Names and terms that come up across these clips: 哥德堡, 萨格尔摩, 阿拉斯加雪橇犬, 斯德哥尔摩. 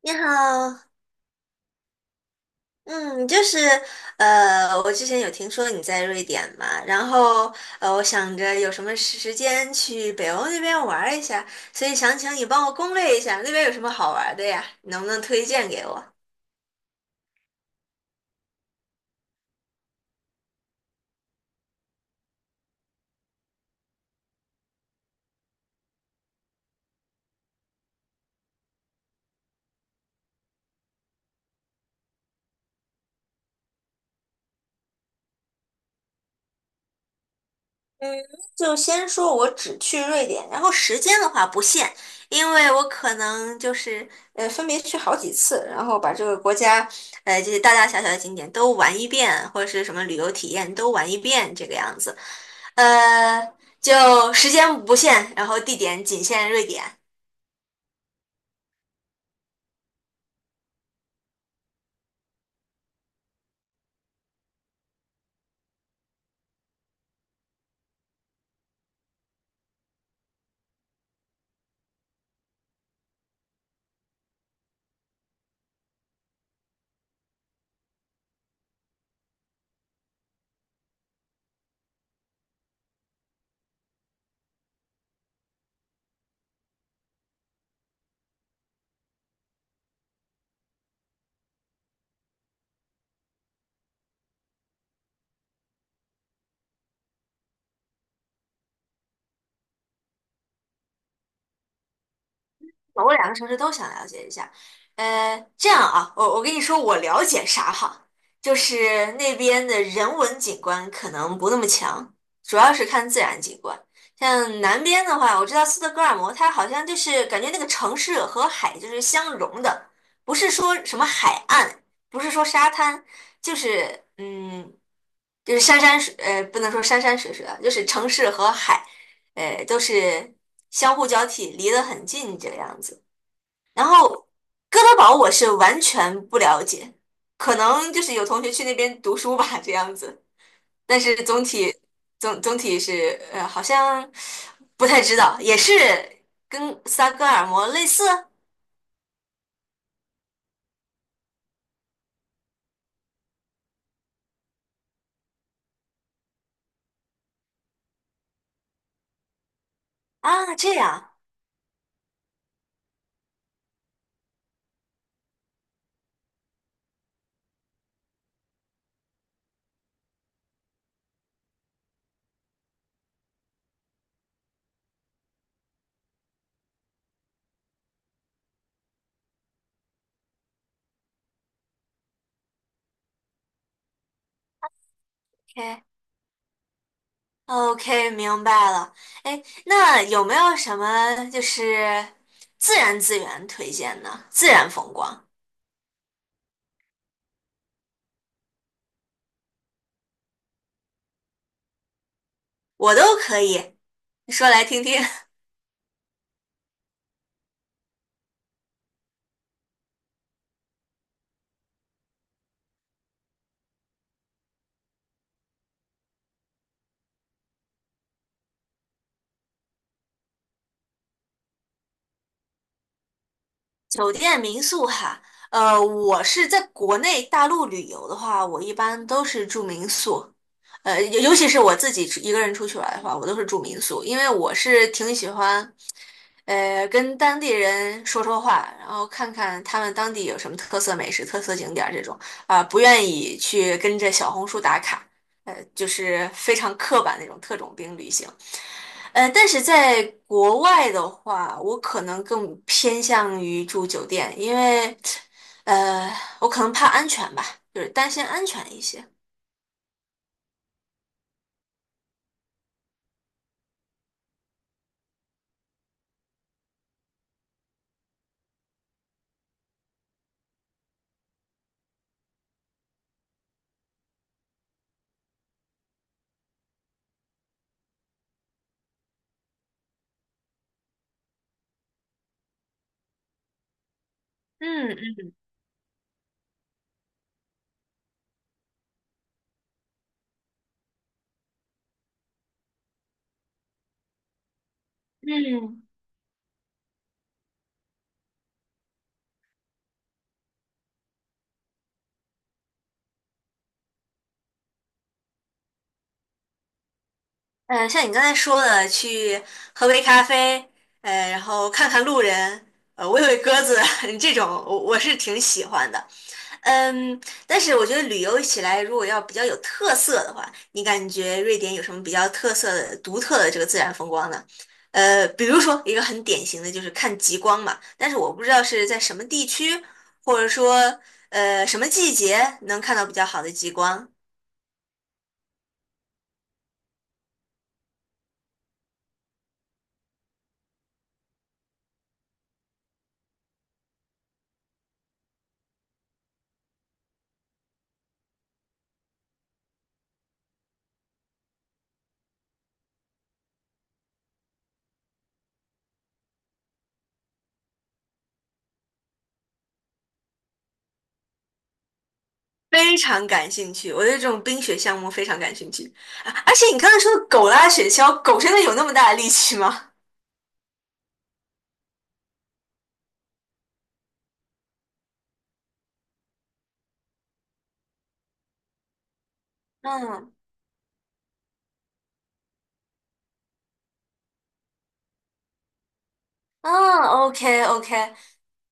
你好，嗯，就是我之前有听说你在瑞典嘛，然后我想着有什么时间去北欧那边玩儿一下，所以想请你帮我攻略一下那边有什么好玩儿的呀，你能不能推荐给我？就先说我只去瑞典，然后时间的话不限，因为我可能就是分别去好几次，然后把这个国家这些大大小小的景点都玩一遍，或者是什么旅游体验都玩一遍这个样子，呃，就时间不限，然后地点仅限瑞典。我两个城市都想了解一下。这样啊，我跟你说，我了解啥哈，就是那边的人文景观可能不那么强，主要是看自然景观。像南边的话，我知道斯德哥尔摩，它好像就是感觉那个城市和海就是相融的，不是说什么海岸，不是说沙滩，就是就是山山水，不能说山山水水啊，就是城市和海，都是相互交替，离得很近这个样子。然后哥德堡我是完全不了解，可能就是有同学去那边读书吧，这样子。但是总体是好像不太知道，也是跟萨格尔摩类似啊，这样。OK OK，明白了。哎，那有没有什么就是自然资源推荐呢？自然风光我都可以，你说来听听。酒店民宿哈，我是在国内大陆旅游的话，我一般都是住民宿，尤其是我自己一个人出去玩的话，我都是住民宿，因为我是挺喜欢，跟当地人说说话，然后看看他们当地有什么特色美食、特色景点儿这种，啊、不愿意去跟着小红书打卡，就是非常刻板那种特种兵旅行。但是在国外的话，我可能更偏向于住酒店，因为，呃，我可能怕安全吧，就是担心安全一些。嗯嗯，嗯，像你刚才说的，去喝杯咖啡，然后看看路人，喂喂鸽子，这种我是挺喜欢的。嗯，但是我觉得旅游起来，如果要比较有特色的话，你感觉瑞典有什么比较特色的、独特的这个自然风光呢？比如说一个很典型的就是看极光嘛，但是我不知道是在什么地区，或者说什么季节能看到比较好的极光。非常感兴趣。我对这种冰雪项目非常感兴趣。啊而且你刚才说的狗拉雪橇，狗真的有那么大的力气吗？嗯，嗯 o k o k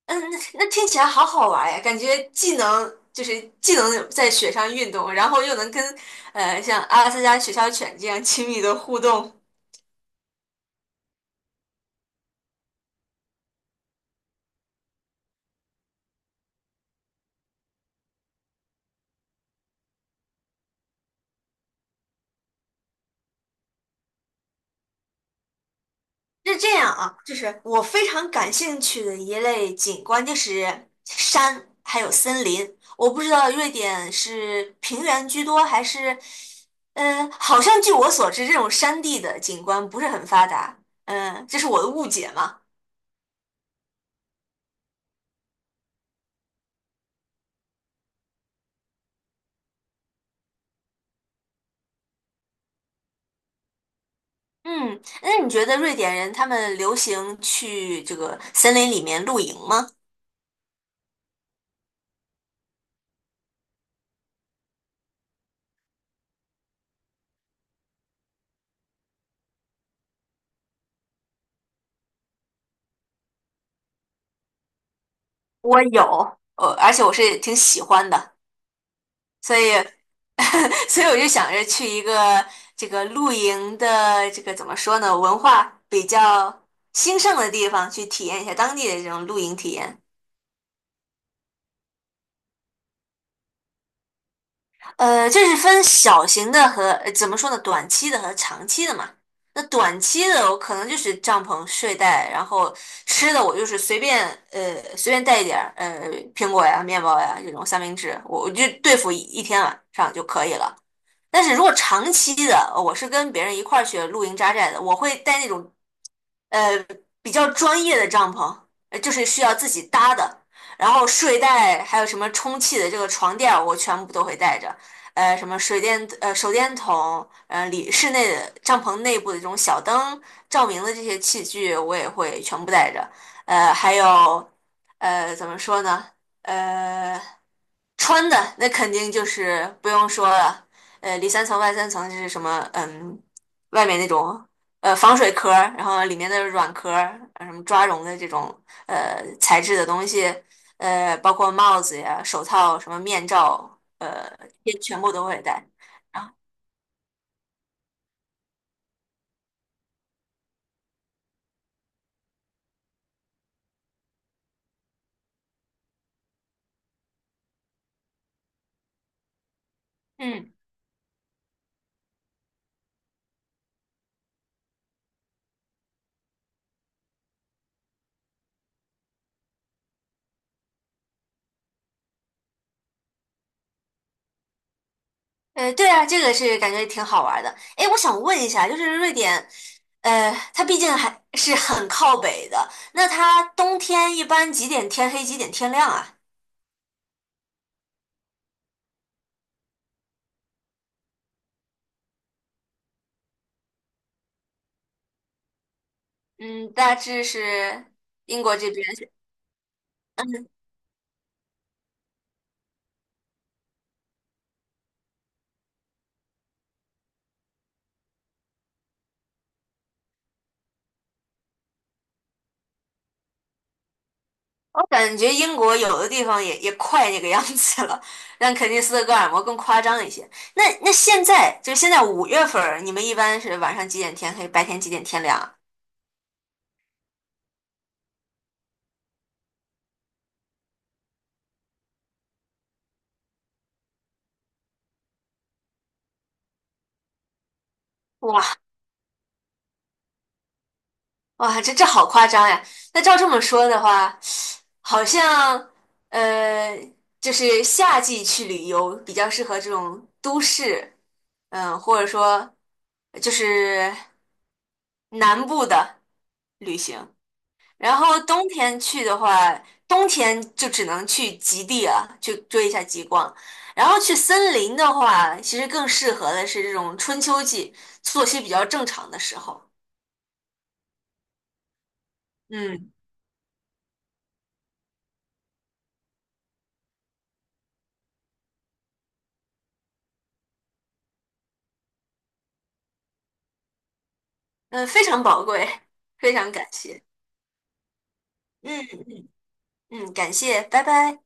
嗯，那听起来好好玩呀，感觉既能在雪上运动，然后又能跟像阿拉斯加雪橇犬这样亲密的互动。是这样啊，就是我非常感兴趣的一类景观就是山，还有森林。我不知道瑞典是平原居多还是，好像据我所知，这种山地的景观不是很发达。这是我的误解嘛。嗯，那你觉得瑞典人他们流行去这个森林里面露营吗？我有，而且我是挺喜欢的，所以，所以我就想着去一个这个露营的这个怎么说呢，文化比较兴盛的地方去体验一下当地的这种露营体验。这是分小型的和，怎么说呢，短期的和长期的嘛。那短期的我可能就是帐篷、睡袋，然后吃的我就是随便，随便带一点儿，苹果呀、面包呀这种三明治，我就对付一天晚上就可以了。但是如果长期的，我是跟别人一块儿去露营扎寨的，我会带那种呃比较专业的帐篷，就是需要自己搭的。然后睡袋还有什么充气的这个床垫儿我全部都会带着。什么水电手电筒，室内的帐篷内部的这种小灯照明的这些器具，我也会全部带着。还有怎么说呢？呃。穿的那肯定就是不用说了，里三层外三层就是什么，外面那种防水壳儿，然后里面的软壳儿，什么抓绒的这种材质的东西，包括帽子呀、手套、什么面罩，也全部都会戴然后，嗯，对啊，这个是感觉挺好玩儿的。哎，我想问一下，就是瑞典，它毕竟还是很靠北的，那它冬天一般几点天黑，几点天亮啊？嗯，大致是英国这边，我感觉英国有的地方也快那个样子了，但肯尼斯的戈尔摩更夸张一些。那现在五月份儿，你们一般是晚上几点天黑，白天几点天亮啊？哇！哇，这好夸张呀！那照这么说的话，好像呃，就是夏季去旅游比较适合这种都市，或者说就是南部的旅行。然后冬天去的话，冬天就只能去极地了，去追一下极光。然后去森林的话，其实更适合的是这种春秋季，作息比较正常的时候。嗯。嗯，非常宝贵，非常感谢。嗯嗯，感谢，拜拜。